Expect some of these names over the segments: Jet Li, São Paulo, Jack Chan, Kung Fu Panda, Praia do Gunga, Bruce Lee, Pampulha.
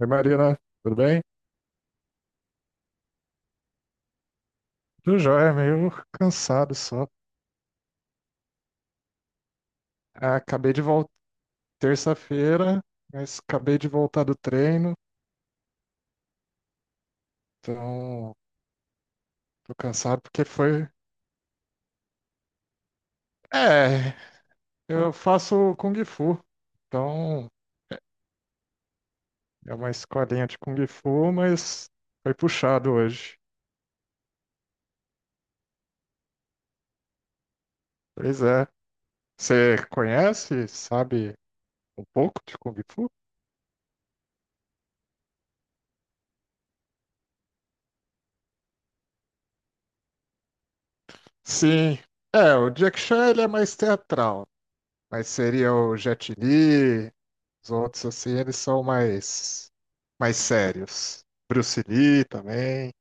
Oi, Marina, tudo bem? Tudo jóia, meio cansado só. Ah, acabei de voltar terça-feira, mas acabei de voltar do treino, então tô cansado porque foi. É, eu faço Kung Fu, então é uma escolinha de Kung Fu, mas foi puxado hoje. Pois é. Você conhece, sabe um pouco de Kung Fu? Sim. É, o Jack Chan ele é mais teatral, mas seria o Jet Li. Os outros, assim, eles são mais sérios. Bruce Lee também.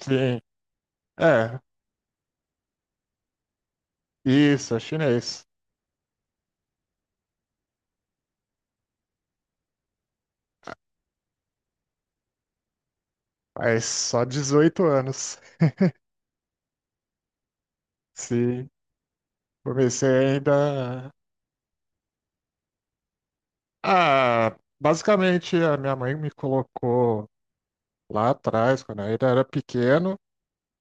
Sim. É, isso, é chinês. Mas só 18 anos. Sim. Comecei ainda. Ah, basicamente a minha mãe me colocou lá atrás, quando eu ainda era pequeno,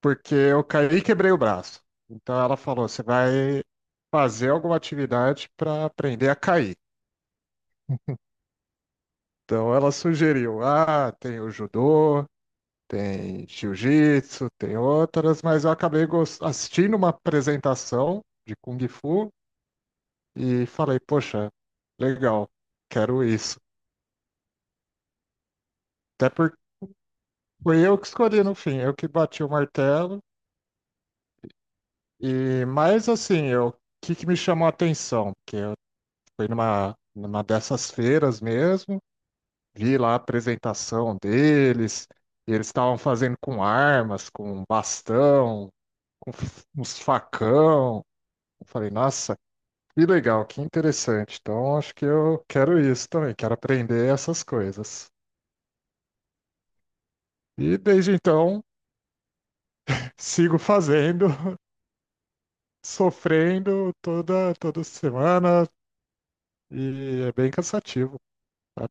porque eu caí e quebrei o braço. Então ela falou: você vai fazer alguma atividade para aprender a cair. Então ela sugeriu: ah, tem o judô, tem jiu-jitsu, tem outras, mas eu acabei assistindo uma apresentação de Kung Fu e falei, poxa, legal, quero isso. Até porque foi eu que escolhi no fim, eu que bati o martelo. E mais assim, o que me chamou a atenção? Porque eu fui numa dessas feiras mesmo, vi lá a apresentação deles, e eles estavam fazendo com armas, com bastão, com uns facão. Eu falei, nossa, que legal, que interessante. Então, acho que eu quero isso também, quero aprender essas coisas. E desde então, sigo fazendo, sofrendo toda semana, e é bem cansativo. Tá?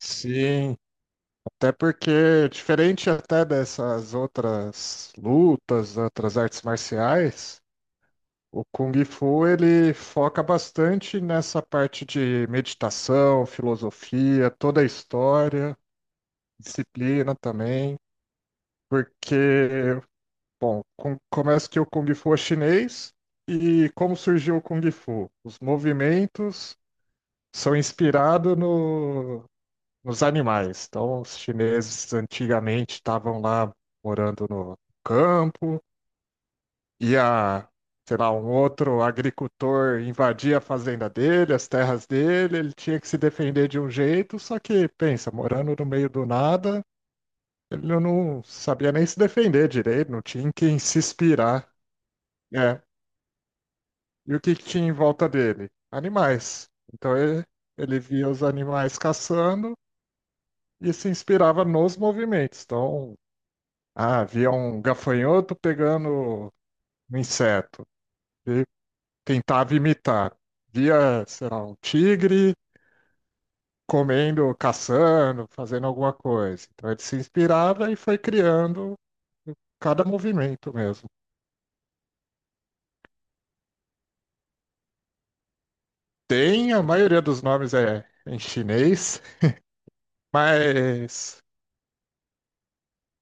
Sim, até porque, diferente até dessas outras lutas, outras artes marciais, o Kung Fu ele foca bastante nessa parte de meditação, filosofia, toda a história, disciplina também. Porque, bom, começa que o Kung Fu é chinês e como surgiu o Kung Fu? Os movimentos são inspirados no, nos animais. Então, os chineses antigamente estavam lá morando no campo, ia, sei lá, um outro agricultor invadia a fazenda dele, as terras dele, ele tinha que se defender de um jeito, só que, pensa, morando no meio do nada. Ele não sabia nem se defender direito, não tinha em quem se inspirar. É. E o que que tinha em volta dele? Animais. Então ele via os animais caçando e se inspirava nos movimentos. Então, ah, via um gafanhoto pegando um inseto e tentava imitar. Via, sei lá, um tigre comendo, caçando, fazendo alguma coisa. Então ele se inspirava e foi criando cada movimento mesmo. Tem, a maioria dos nomes é em chinês, mas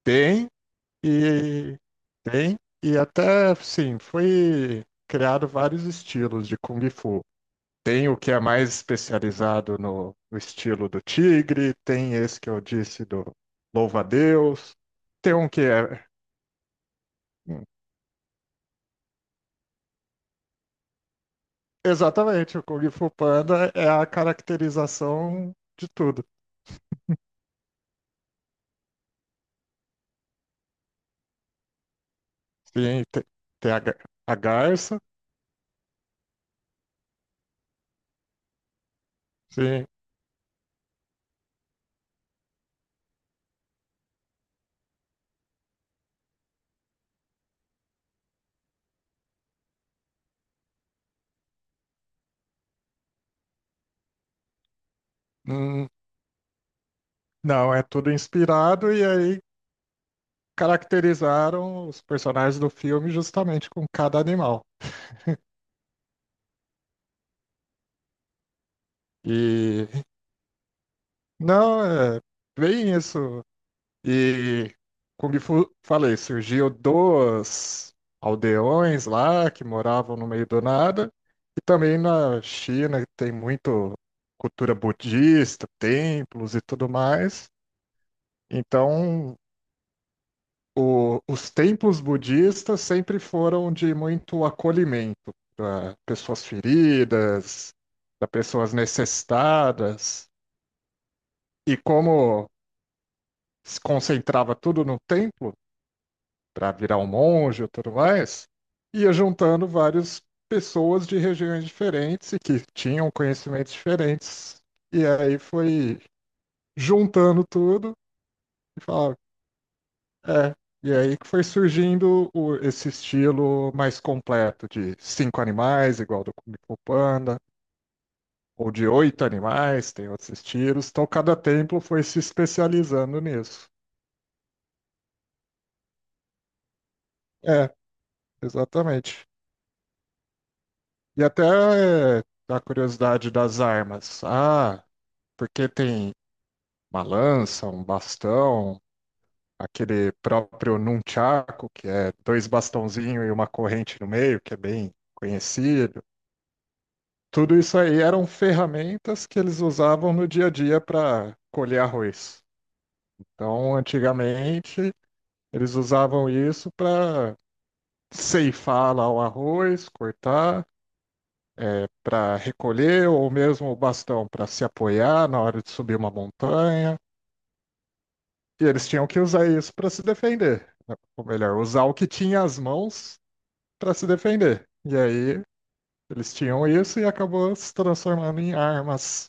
tem e tem e até sim, foi criado vários estilos de Kung Fu. Tem o que é mais especializado no estilo do tigre, tem esse que eu disse do louva-a-Deus, tem um que é exatamente o Kung Fu Panda é a caracterização de tudo. Sim, tem a garça, sim. hum, Não, é tudo inspirado e aí caracterizaram os personagens do filme justamente com cada animal. E não, é bem isso. E como falei, surgiu dois aldeões lá que moravam no meio do nada. E também na China tem muito cultura budista, templos e tudo mais. Então os templos budistas sempre foram de muito acolhimento para pessoas feridas, para pessoas necessitadas. E como se concentrava tudo no templo, para virar um monge e tudo mais, ia juntando várias pessoas de regiões diferentes e que tinham conhecimentos diferentes. E aí foi juntando tudo e falava, é, e aí que foi surgindo esse estilo mais completo de cinco animais, igual do Kung Fu Panda, ou de oito animais, tem outros estilos. Então cada templo foi se especializando nisso. É, exatamente. E até é, da curiosidade das armas. Ah, porque tem uma lança, um bastão, aquele próprio nunchaku, que é dois bastãozinhos e uma corrente no meio, que é bem conhecido. Tudo isso aí eram ferramentas que eles usavam no dia a dia para colher arroz. Então, antigamente, eles usavam isso para ceifar lá o arroz, cortar, para recolher, ou mesmo o bastão para se apoiar na hora de subir uma montanha. E eles tinham que usar isso para se defender, né? Ou melhor, usar o que tinha as mãos para se defender. E aí, eles tinham isso e acabou se transformando em armas.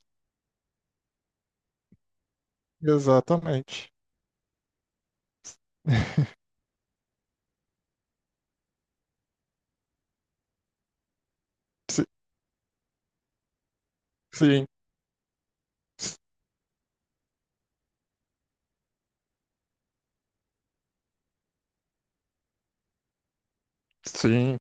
Exatamente. Si- Sim, s- sim.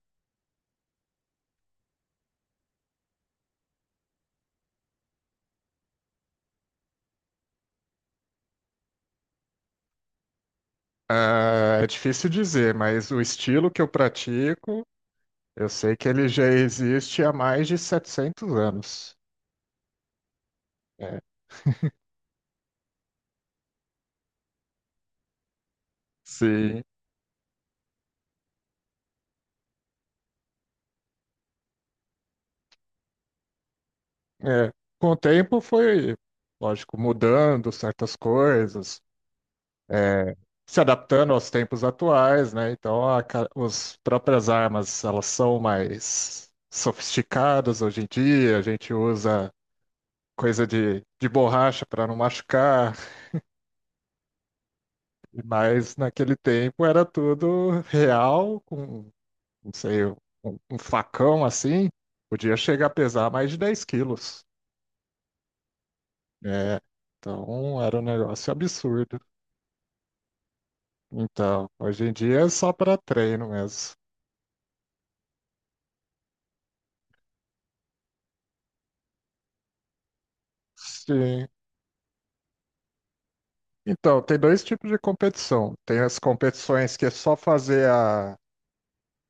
Ah, é difícil dizer, mas o estilo que eu pratico, eu sei que ele já existe há mais de 700 anos. É, sim. É. Com o tempo foi, lógico, mudando certas coisas, é, se adaptando aos tempos atuais, né? Então, as próprias armas, elas são mais sofisticadas hoje em dia, a gente usa coisa de borracha para não machucar. Mas naquele tempo era tudo real, com, não sei, um, facão assim, podia chegar a pesar mais de 10 quilos. É, então era um negócio absurdo. Então, hoje em dia é só para treino mesmo. Sim. Então, tem dois tipos de competição. Tem as competições que é só fazer a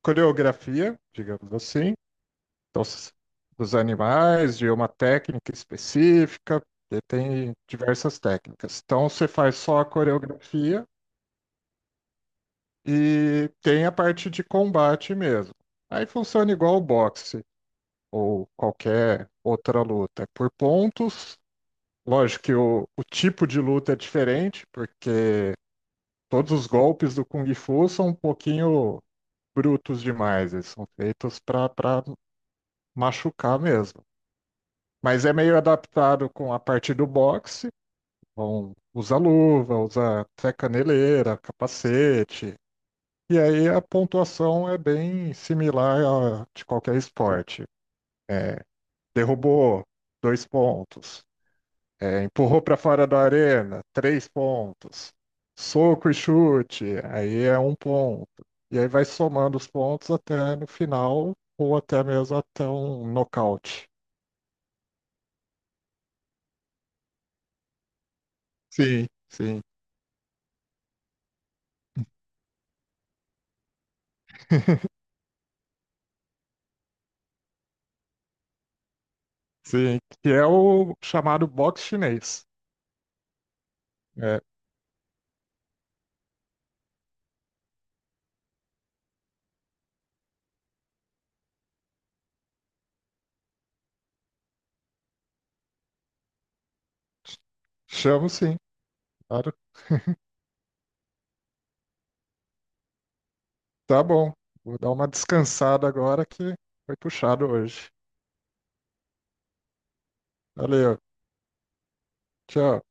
coreografia, digamos assim, então, dos animais, de uma técnica específica, e tem diversas técnicas. Então, você faz só a coreografia e tem a parte de combate mesmo. Aí funciona igual o boxe ou qualquer outra luta. É por pontos. Lógico que o tipo de luta é diferente, porque todos os golpes do Kung Fu são um pouquinho brutos demais. Eles são feitos para machucar mesmo. Mas é meio adaptado com a parte do boxe. Vão, usar luva, usar até caneleira, capacete. E aí a pontuação é bem similar a de qualquer esporte. É, derrubou, dois pontos. É, empurrou para fora da arena, três pontos. Soco e chute, aí é um ponto. E aí vai somando os pontos até no final, ou até mesmo até um nocaute. Sim, sim. Sim, que é o chamado box chinês. É, ch- chamo sim, claro. Tá bom. Vou dar uma descansada agora que foi puxado hoje. Valeu, tchau.